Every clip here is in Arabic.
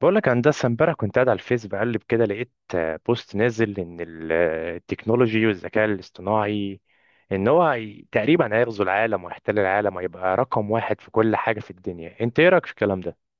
بقول لك هندسة، امبارح كنت قاعد على الفيس بقلب كده، لقيت بوست نازل ان التكنولوجي والذكاء الاصطناعي، ان تقريبا هيغزو العالم ويحتل العالم ويبقى رقم واحد في كل حاجة في الدنيا. انت ايه رأيك في الكلام ده؟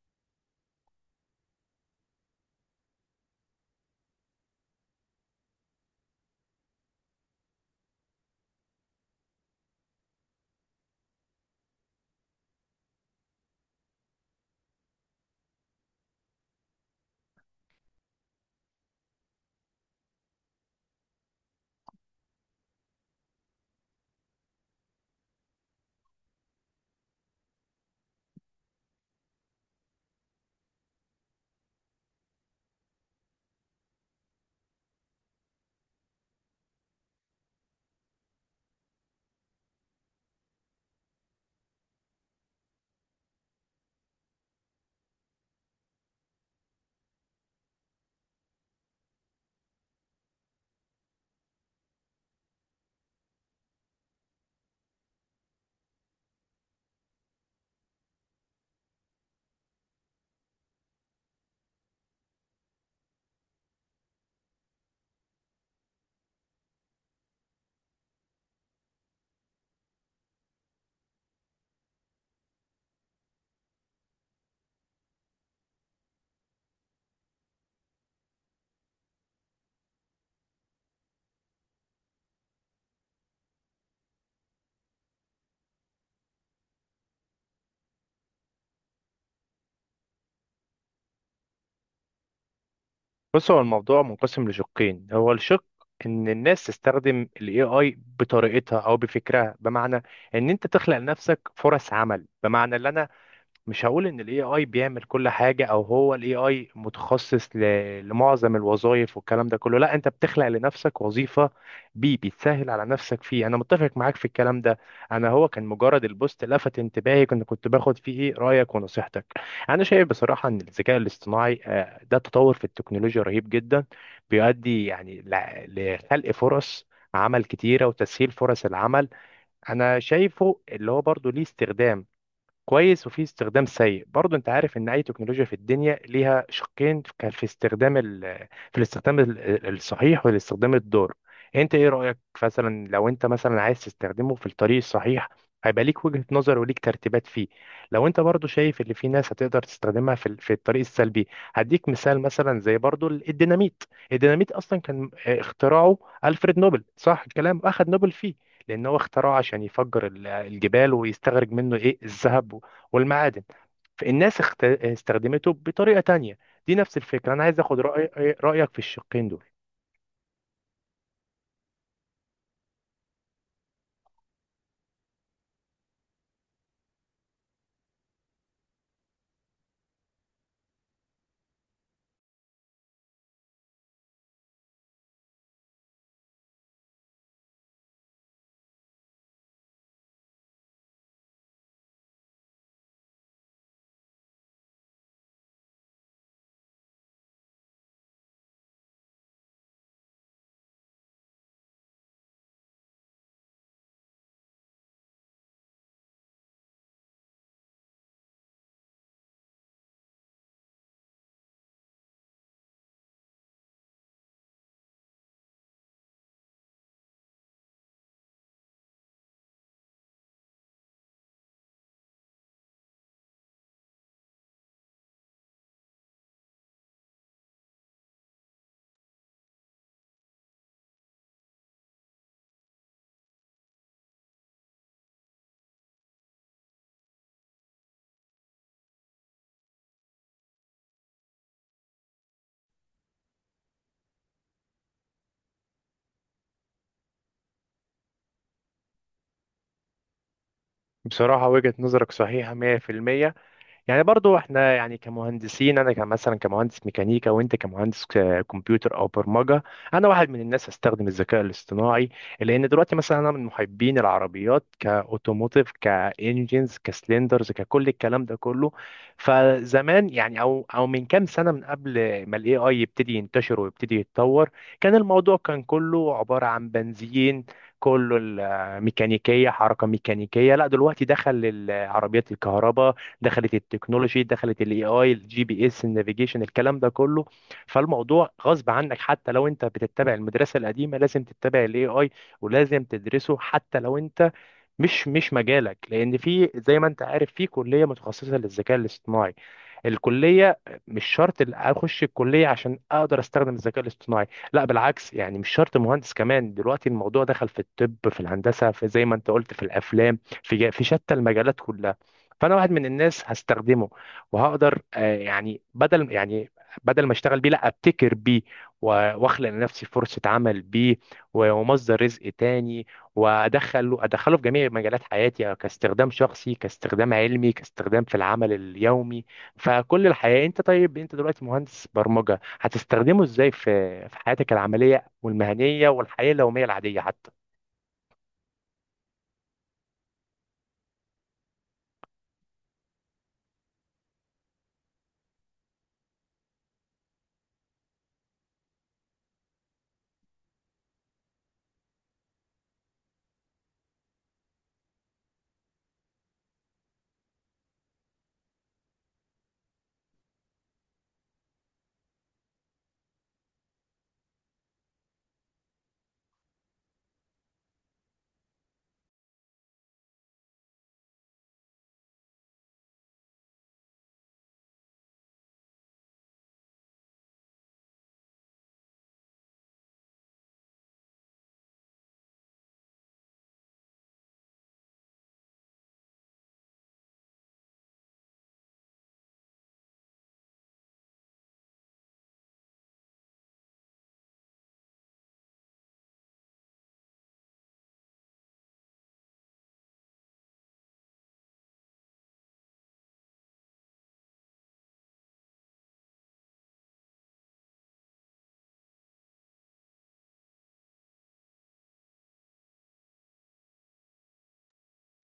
بص، هو الموضوع منقسم لشقين. هو الشق ان الناس تستخدم ال AI بطريقتها او بفكرها، بمعنى ان انت تخلق لنفسك فرص عمل. بمعنى ان انا مش هقول ان الاي اي بيعمل كل حاجه، او هو الاي اي متخصص لمعظم الوظائف والكلام ده كله. لا، انت بتخلق لنفسك وظيفه بيه، بتسهل على نفسك فيه. انا متفق معاك في الكلام ده. انا هو كان مجرد البوست لفت انتباهي، كنت باخد فيه إيه؟ رايك ونصيحتك. انا شايف بصراحه ان الذكاء الاصطناعي ده تطور في التكنولوجيا رهيب جدا، بيؤدي يعني لخلق فرص عمل كتيره وتسهيل فرص العمل. انا شايفه اللي هو برضه ليه استخدام كويس، وفي استخدام سيء برضو. انت عارف ان اي تكنولوجيا في الدنيا ليها شقين. كان في استخدام في الاستخدام الصحيح والاستخدام الضار. انت ايه رأيك؟ مثلا لو انت مثلا عايز تستخدمه في الطريق الصحيح، هيبقى ليك وجهة نظر وليك ترتيبات فيه. لو انت برضو شايف ان في ناس هتقدر تستخدمها في في الطريق السلبي، هديك مثال. مثلا زي برضو الديناميت. الديناميت اصلا كان اختراعه ألفريد نوبل، صح الكلام، اخذ نوبل فيه لأن هو اخترعه عشان يفجر الجبال ويستخرج منه إيه الذهب والمعادن. فالناس استخدمته بطريقة تانية. دي نفس الفكرة، أنا عايز أخد رأيك في الشقين دول. بصراحة وجهة نظرك صحيحة 100%. يعني برضو احنا يعني كمهندسين، انا كمثلا كمهندس ميكانيكا، وانت كمهندس كمبيوتر او برمجه. انا واحد من الناس هستخدم الذكاء الاصطناعي، لان دلوقتي مثلا انا من محبين العربيات، كاوتوموتيف، كانجينز، كسلندرز، ككل الكلام ده كله. فزمان يعني او من كام سنه، من قبل ما الاي اي يبتدي ينتشر ويبتدي يتطور، كان الموضوع كان كله عباره عن بنزين، كله الميكانيكيه، حركه ميكانيكيه. لا دلوقتي دخل العربيات الكهرباء، دخلت التكنولوجي، دخلت الاي اي، الجي بي اس، النافيجيشن، الكلام ده كله. فالموضوع غصب عنك، حتى لو انت بتتبع المدرسه القديمه لازم تتبع الاي اي، ولازم تدرسه، حتى لو انت مش مجالك، لان في، زي ما انت عارف، في كليه متخصصه للذكاء الاصطناعي، الكليه. مش شرط اخش الكليه عشان اقدر استخدم الذكاء الاصطناعي. لا بالعكس، يعني مش شرط مهندس كمان، دلوقتي الموضوع دخل في الطب، في الهندسه، في زي ما انت قلت في الافلام، في في شتى المجالات كلها. فانا واحد من الناس هستخدمه، وهقدر يعني بدل ما اشتغل بيه لا ابتكر بيه، واخلق لنفسي فرصه عمل بيه، ومصدر رزق تاني، وادخله، ادخله في جميع مجالات حياتي، كاستخدام شخصي، كاستخدام علمي، كاستخدام في العمل اليومي، فكل الحياة. انت طيب، انت دلوقتي مهندس برمجة، هتستخدمه ازاي في حياتك العملية والمهنية والحياة اليومية العادية حتى؟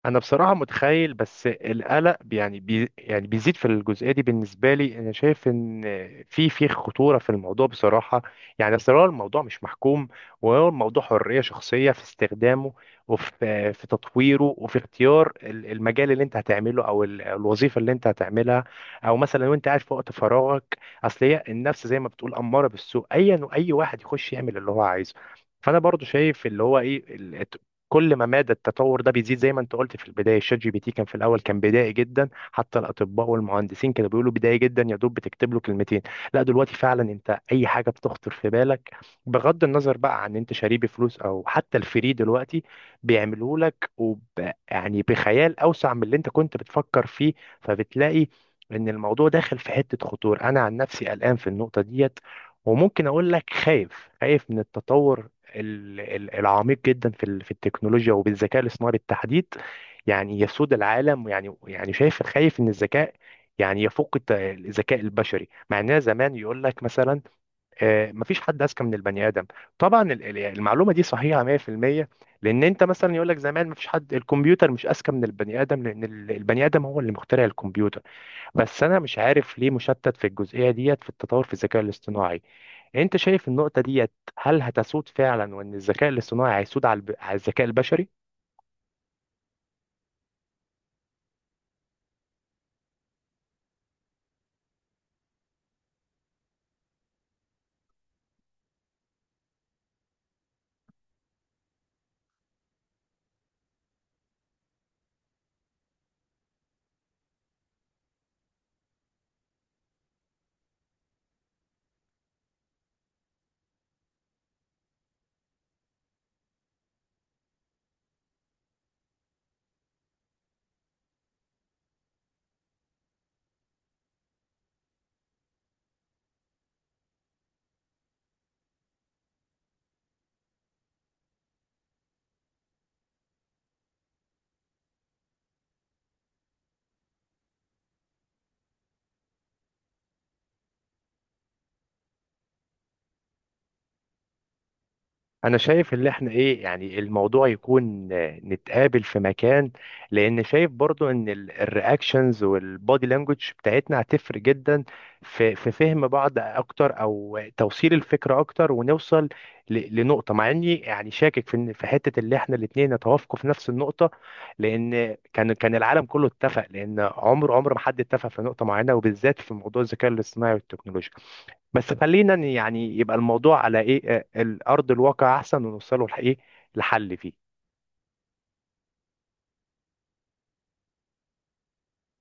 انا بصراحه متخيل، بس القلق يعني بي يعني بيزيد في الجزئيه دي. بالنسبه لي انا شايف ان في خطوره في الموضوع بصراحه. يعني اصل هو الموضوع مش محكوم، وهو الموضوع حريه شخصيه في استخدامه، وفي تطويره، وفي اختيار المجال اللي انت هتعمله، او الوظيفه اللي انت هتعملها، او مثلا لو انت قاعد في وقت فراغك. اصل هي النفس، زي ما بتقول، اماره بالسوء، ايا واي واحد يخش يعمل اللي هو عايزه. فانا برضو شايف اللي هو ايه، كل ما مدى التطور ده بيزيد. زي ما انت قلت في البدايه، الشات جي بي تي كان في الاول كان بدائي جدا، حتى الاطباء والمهندسين كانوا بيقولوا بدائي جدا، يا دوب بتكتب له كلمتين. لا دلوقتي فعلا انت اي حاجه بتخطر في بالك، بغض النظر بقى عن انت شاريه بفلوس او حتى الفري، دلوقتي بيعملوه لك يعني بخيال اوسع من اللي انت كنت بتفكر فيه. فبتلاقي ان الموضوع داخل في حته خطور. انا عن نفسي قلقان في النقطه ديت، وممكن اقول لك خايف، خايف من التطور العميق جدا في في التكنولوجيا وبالذكاء الاصطناعي بالتحديد، يعني يسود العالم. يعني يعني شايف خايف ان الذكاء يعني يفوق الذكاء البشري، مع اننا زمان يقول لك مثلا مفيش حد اذكى من البني ادم. طبعا المعلومه دي صحيحه 100%، لان انت مثلا يقول لك زمان مفيش حد، الكمبيوتر مش اذكى من البني ادم، لان البني ادم هو اللي مخترع الكمبيوتر. بس انا مش عارف ليه مشتت في الجزئيه ديت، في التطور في الذكاء الاصطناعي. انت شايف النقطه ديت، هل هتسود فعلا؟ وان الذكاء الاصطناعي هيسود على على الذكاء البشري. انا شايف اللي احنا ايه، يعني الموضوع يكون نتقابل في مكان، لان شايف برضو ان الرياكشنز والبودي لانجوج بتاعتنا هتفرق جدا في فهم بعض اكتر، او توصيل الفكرة اكتر، ونوصل لنقطة، مع اني يعني شاكك في في حتة اللي احنا الاتنين نتوافقوا في نفس النقطة. لان كان العالم كله اتفق، لان عمر ما حد اتفق في نقطة معينة، وبالذات في موضوع الذكاء الاصطناعي والتكنولوجيا. بس خلينا يعني يبقى الموضوع على ايه الارض الواقع احسن، ونوصله لايه لحل فيه.